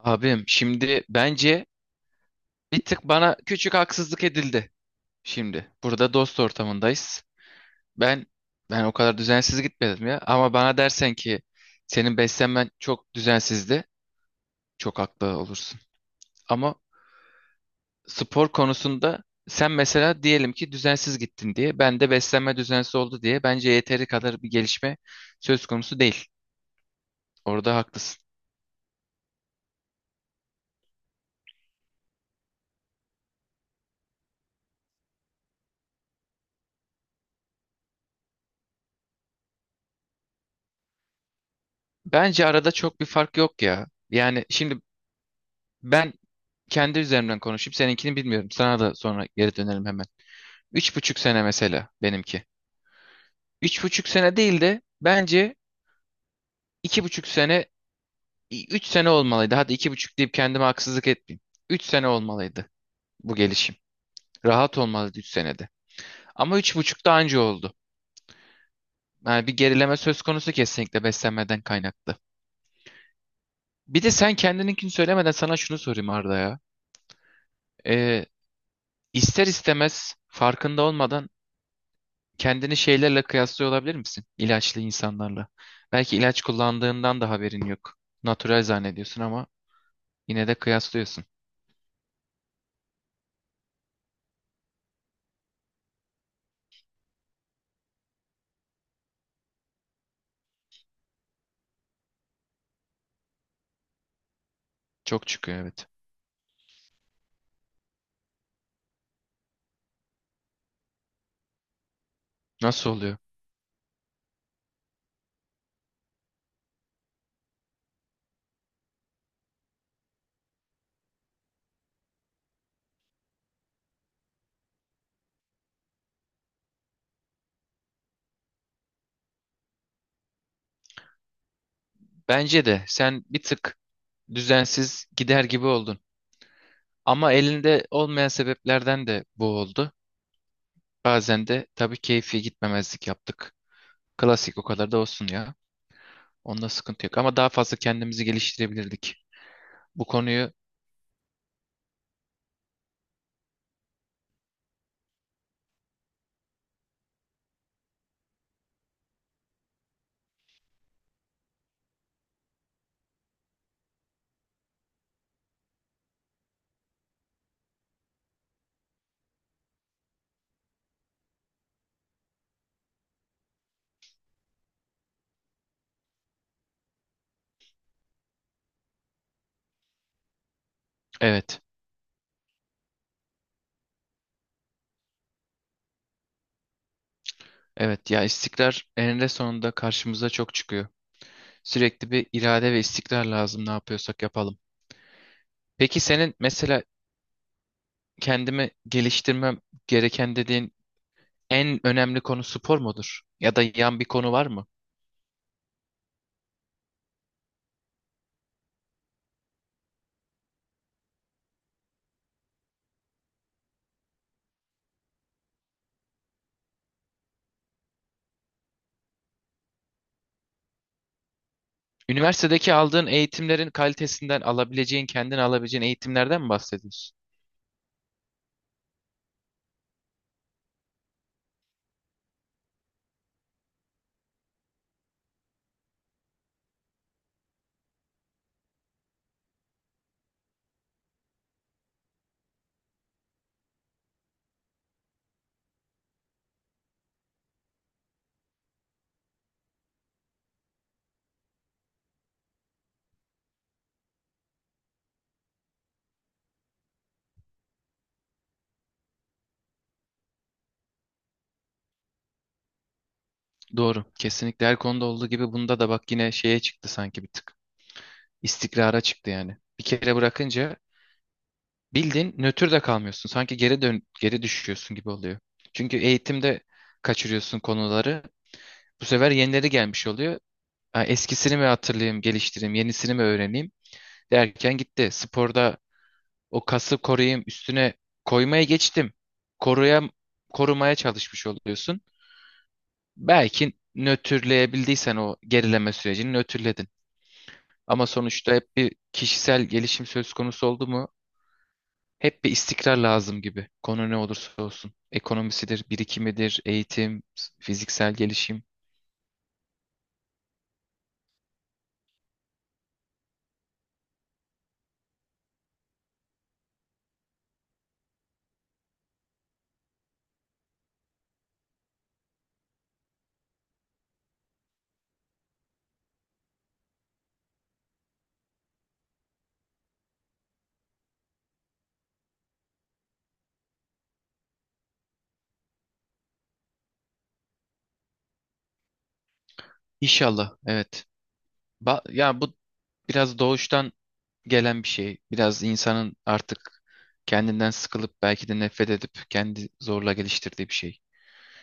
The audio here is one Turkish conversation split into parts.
Abim şimdi bence bir tık bana küçük haksızlık edildi. Şimdi burada dost ortamındayız. Ben ben o kadar düzensiz gitmedim ya. Ama bana dersen ki senin beslenmen çok düzensizdi. Çok haklı olursun. Ama spor konusunda sen mesela diyelim ki düzensiz gittin diye. Ben de beslenme düzensiz oldu diye. Bence yeteri kadar bir gelişme söz konusu değil. Orada haklısın. Bence arada çok bir fark yok ya. Yani şimdi ben kendi üzerimden konuşup seninkini bilmiyorum. Sana da sonra geri dönelim hemen. 3,5 sene mesela benimki. 3,5 sene değil de bence 2,5 sene, 3 sene olmalıydı. Hadi 2,5 deyip kendime haksızlık etmeyeyim. 3 sene olmalıydı bu gelişim. Rahat olmalıydı 3 senede. Ama 3,5 da anca oldu. Yani bir gerileme söz konusu kesinlikle beslenmeden kaynaklı. Bir de sen kendininkini söylemeden sana şunu sorayım Arda ya. Ee, ister istemez farkında olmadan kendini şeylerle kıyaslıyor olabilir misin? İlaçlı insanlarla. Belki ilaç kullandığından da haberin yok. Natural zannediyorsun ama yine de kıyaslıyorsun. Çok çıkıyor, evet. Nasıl oluyor? Bence de sen bir tık düzensiz gider gibi oldun. Ama elinde olmayan sebeplerden de bu oldu. Bazen de tabii keyfi gitmemezlik yaptık. Klasik o kadar da olsun ya. Onda sıkıntı yok. Ama daha fazla kendimizi geliştirebilirdik. Bu konuyu evet. Evet ya, istikrar eninde sonunda karşımıza çok çıkıyor. Sürekli bir irade ve istikrar lazım ne yapıyorsak yapalım. Peki senin mesela kendimi geliştirmem gereken dediğin en önemli konu spor mudur? Ya da yan bir konu var mı? Üniversitedeki aldığın eğitimlerin kalitesinden alabileceğin, kendin alabileceğin eğitimlerden mi bahsediyorsun? Doğru. Kesinlikle her konuda olduğu gibi bunda da bak yine şeye çıktı sanki bir tık. İstikrara çıktı yani. Bir kere bırakınca bildiğin nötr de kalmıyorsun. Sanki geri düşüyorsun gibi oluyor. Çünkü eğitimde kaçırıyorsun konuları. Bu sefer yenileri gelmiş oluyor. Ha, eskisini mi hatırlayayım, geliştireyim, yenisini mi öğreneyim derken gitti. Sporda o kası koruyayım, üstüne koymaya geçtim. Koruya, korumaya çalışmış oluyorsun. Belki nötrleyebildiysen o gerileme sürecini nötrledin. Ama sonuçta hep bir kişisel gelişim söz konusu oldu mu? Hep bir istikrar lazım gibi. Konu ne olursa olsun. Ekonomisidir, birikimidir, eğitim, fiziksel gelişim. İnşallah, evet. Ba ya, bu biraz doğuştan gelen bir şey. Biraz insanın artık kendinden sıkılıp belki de nefret edip kendi zorla geliştirdiği bir şey.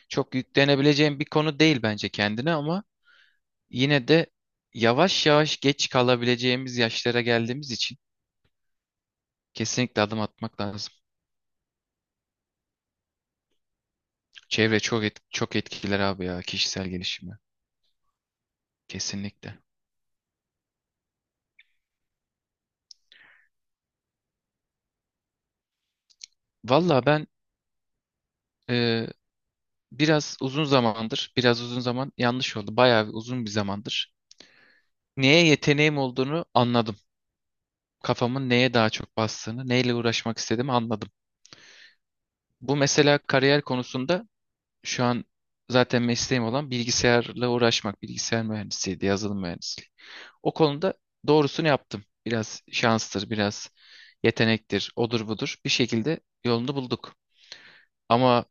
Çok yüklenebileceğim bir konu değil bence kendine, ama yine de yavaş yavaş geç kalabileceğimiz yaşlara geldiğimiz için kesinlikle adım atmak lazım. Çevre çok çok etkiler abi ya kişisel gelişimi. Kesinlikle. Valla ben, e, biraz uzun zamandır, biraz uzun zaman yanlış oldu. Bayağı bir uzun bir zamandır neye yeteneğim olduğunu anladım. Kafamın neye daha çok bastığını, neyle uğraşmak istediğimi anladım. Bu mesela kariyer konusunda şu an zaten mesleğim olan bilgisayarla uğraşmak, bilgisayar mühendisiydi, yazılım mühendisliği. O konuda doğrusunu yaptım. Biraz şanstır, biraz yetenektir, odur budur. Bir şekilde yolunu bulduk. Ama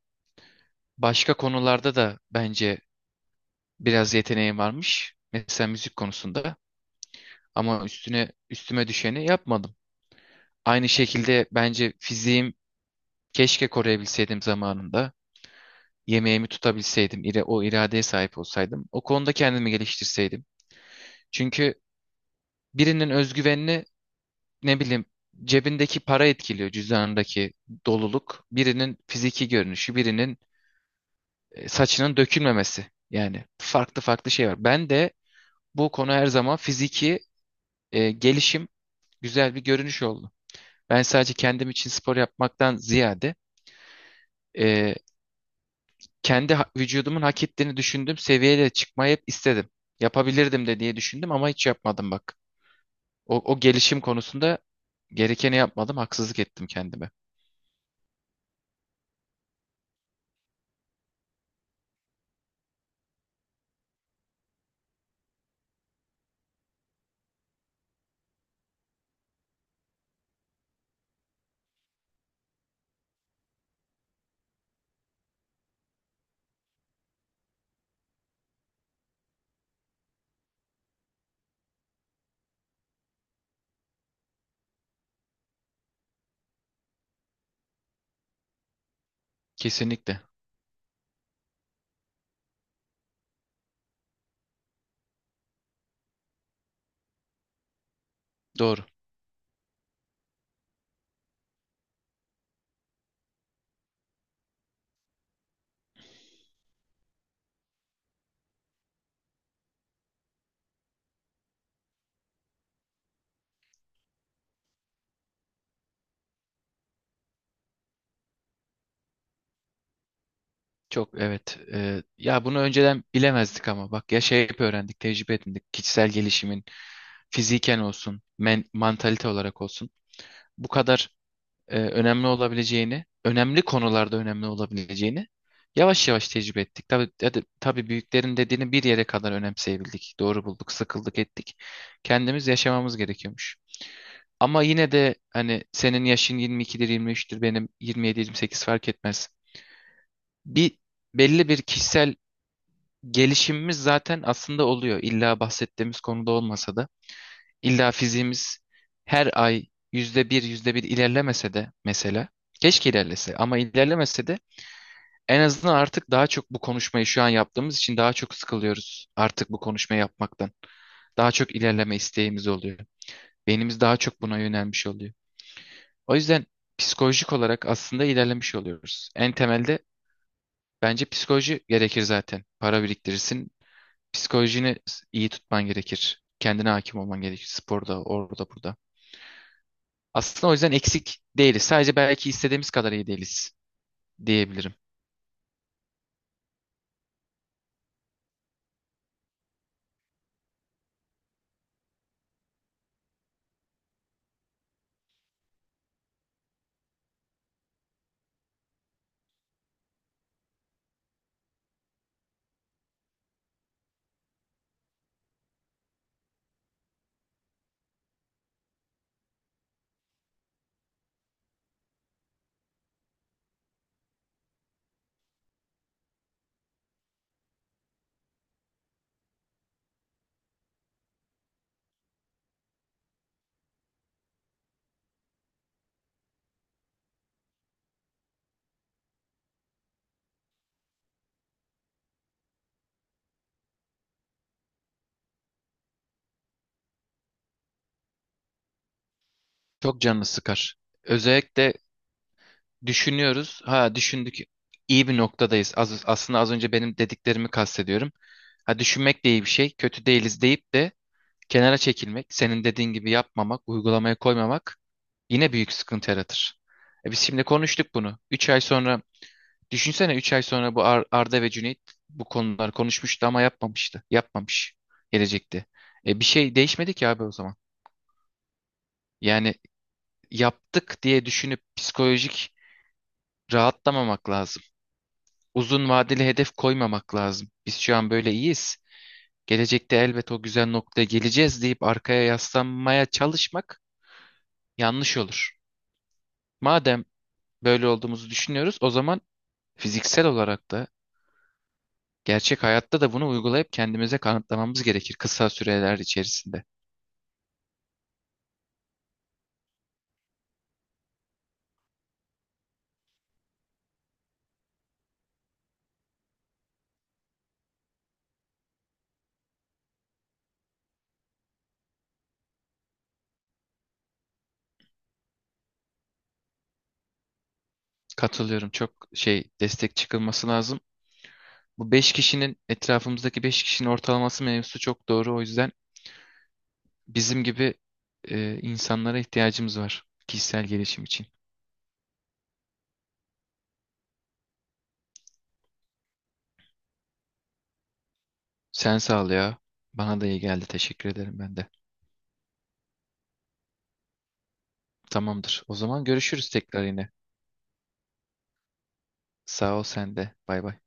başka konularda da bence biraz yeteneğim varmış. Mesela müzik konusunda ama üstüne üstüme düşeni yapmadım. Aynı şekilde bence fiziğim. Keşke koruyabilseydim zamanında. Yemeğimi tutabilseydim, o iradeye sahip olsaydım. O konuda kendimi geliştirseydim. Çünkü birinin özgüvenini ne bileyim cebindeki para etkiliyor, cüzdanındaki doluluk. Birinin fiziki görünüşü, birinin saçının dökülmemesi. Yani farklı farklı şey var. Ben de bu konu her zaman fiziki gelişim güzel bir görünüş oldu. Ben sadece kendim için spor yapmaktan ziyade e, kendi vücudumun hak ettiğini düşündüğüm seviyeye çıkmayı hep istedim. Yapabilirdim de diye düşündüm ama hiç yapmadım bak. O gelişim konusunda gerekeni yapmadım, haksızlık ettim kendime. Kesinlikle. Doğru. Çok, evet. Ya bunu önceden bilemezdik ama bak ya şey hep öğrendik, tecrübe edindik. Kişisel gelişimin fiziken olsun, mantalite olarak olsun. Bu kadar önemli olabileceğini, önemli konularda önemli olabileceğini yavaş yavaş tecrübe ettik. Tabii, tabii, tabii büyüklerin dediğini bir yere kadar önemseyebildik. Doğru bulduk, sıkıldık ettik. Kendimiz yaşamamız gerekiyormuş. Ama yine de hani senin yaşın 22'dir, 23'tür, benim 27-28 fark etmez. Bir belli bir kişisel gelişimimiz zaten aslında oluyor. İlla bahsettiğimiz konuda olmasa da. İlla fiziğimiz her ay %1, yüzde bir ilerlemese de mesela, keşke ilerlese ama ilerlemese de en azından artık daha çok bu konuşmayı şu an yaptığımız için daha çok sıkılıyoruz artık bu konuşmayı yapmaktan. Daha çok ilerleme isteğimiz oluyor. Beynimiz daha çok buna yönelmiş oluyor. O yüzden psikolojik olarak aslında ilerlemiş oluyoruz. En temelde bence psikoloji gerekir zaten. Para biriktirirsin, psikolojini iyi tutman gerekir. Kendine hakim olman gerekir. Sporda, orada, burada. Aslında o yüzden eksik değiliz. Sadece belki istediğimiz kadar iyi değiliz diyebilirim. Çok canını sıkar. Özellikle düşünüyoruz. Ha, düşündük. İyi bir noktadayız. Aslında az önce benim dediklerimi kastediyorum. Ha, düşünmek de iyi bir şey. Kötü değiliz deyip de kenara çekilmek, senin dediğin gibi yapmamak, uygulamaya koymamak yine büyük sıkıntı yaratır. E, biz şimdi konuştuk bunu. 3 ay sonra düşünsene, 3 ay sonra bu Arda ve Cüneyt bu konuları konuşmuştu ama yapmamıştı. Yapmamış gelecekte. E, bir şey değişmedi ki abi o zaman. Yani yaptık diye düşünüp psikolojik rahatlamamak lazım. Uzun vadeli hedef koymamak lazım. Biz şu an böyle iyiyiz. Gelecekte elbet o güzel noktaya geleceğiz deyip arkaya yaslanmaya çalışmak yanlış olur. Madem böyle olduğumuzu düşünüyoruz, o zaman fiziksel olarak da gerçek hayatta da bunu uygulayıp kendimize kanıtlamamız gerekir kısa süreler içerisinde. Katılıyorum. Çok destek çıkılması lazım. Bu 5 kişinin etrafımızdaki 5 kişinin ortalaması mevzusu çok doğru. O yüzden bizim gibi insanlara ihtiyacımız var kişisel gelişim için. Sen sağ ol ya. Bana da iyi geldi. Teşekkür ederim ben de. Tamamdır. O zaman görüşürüz tekrar yine. Sağ ol sen de. Bay bay.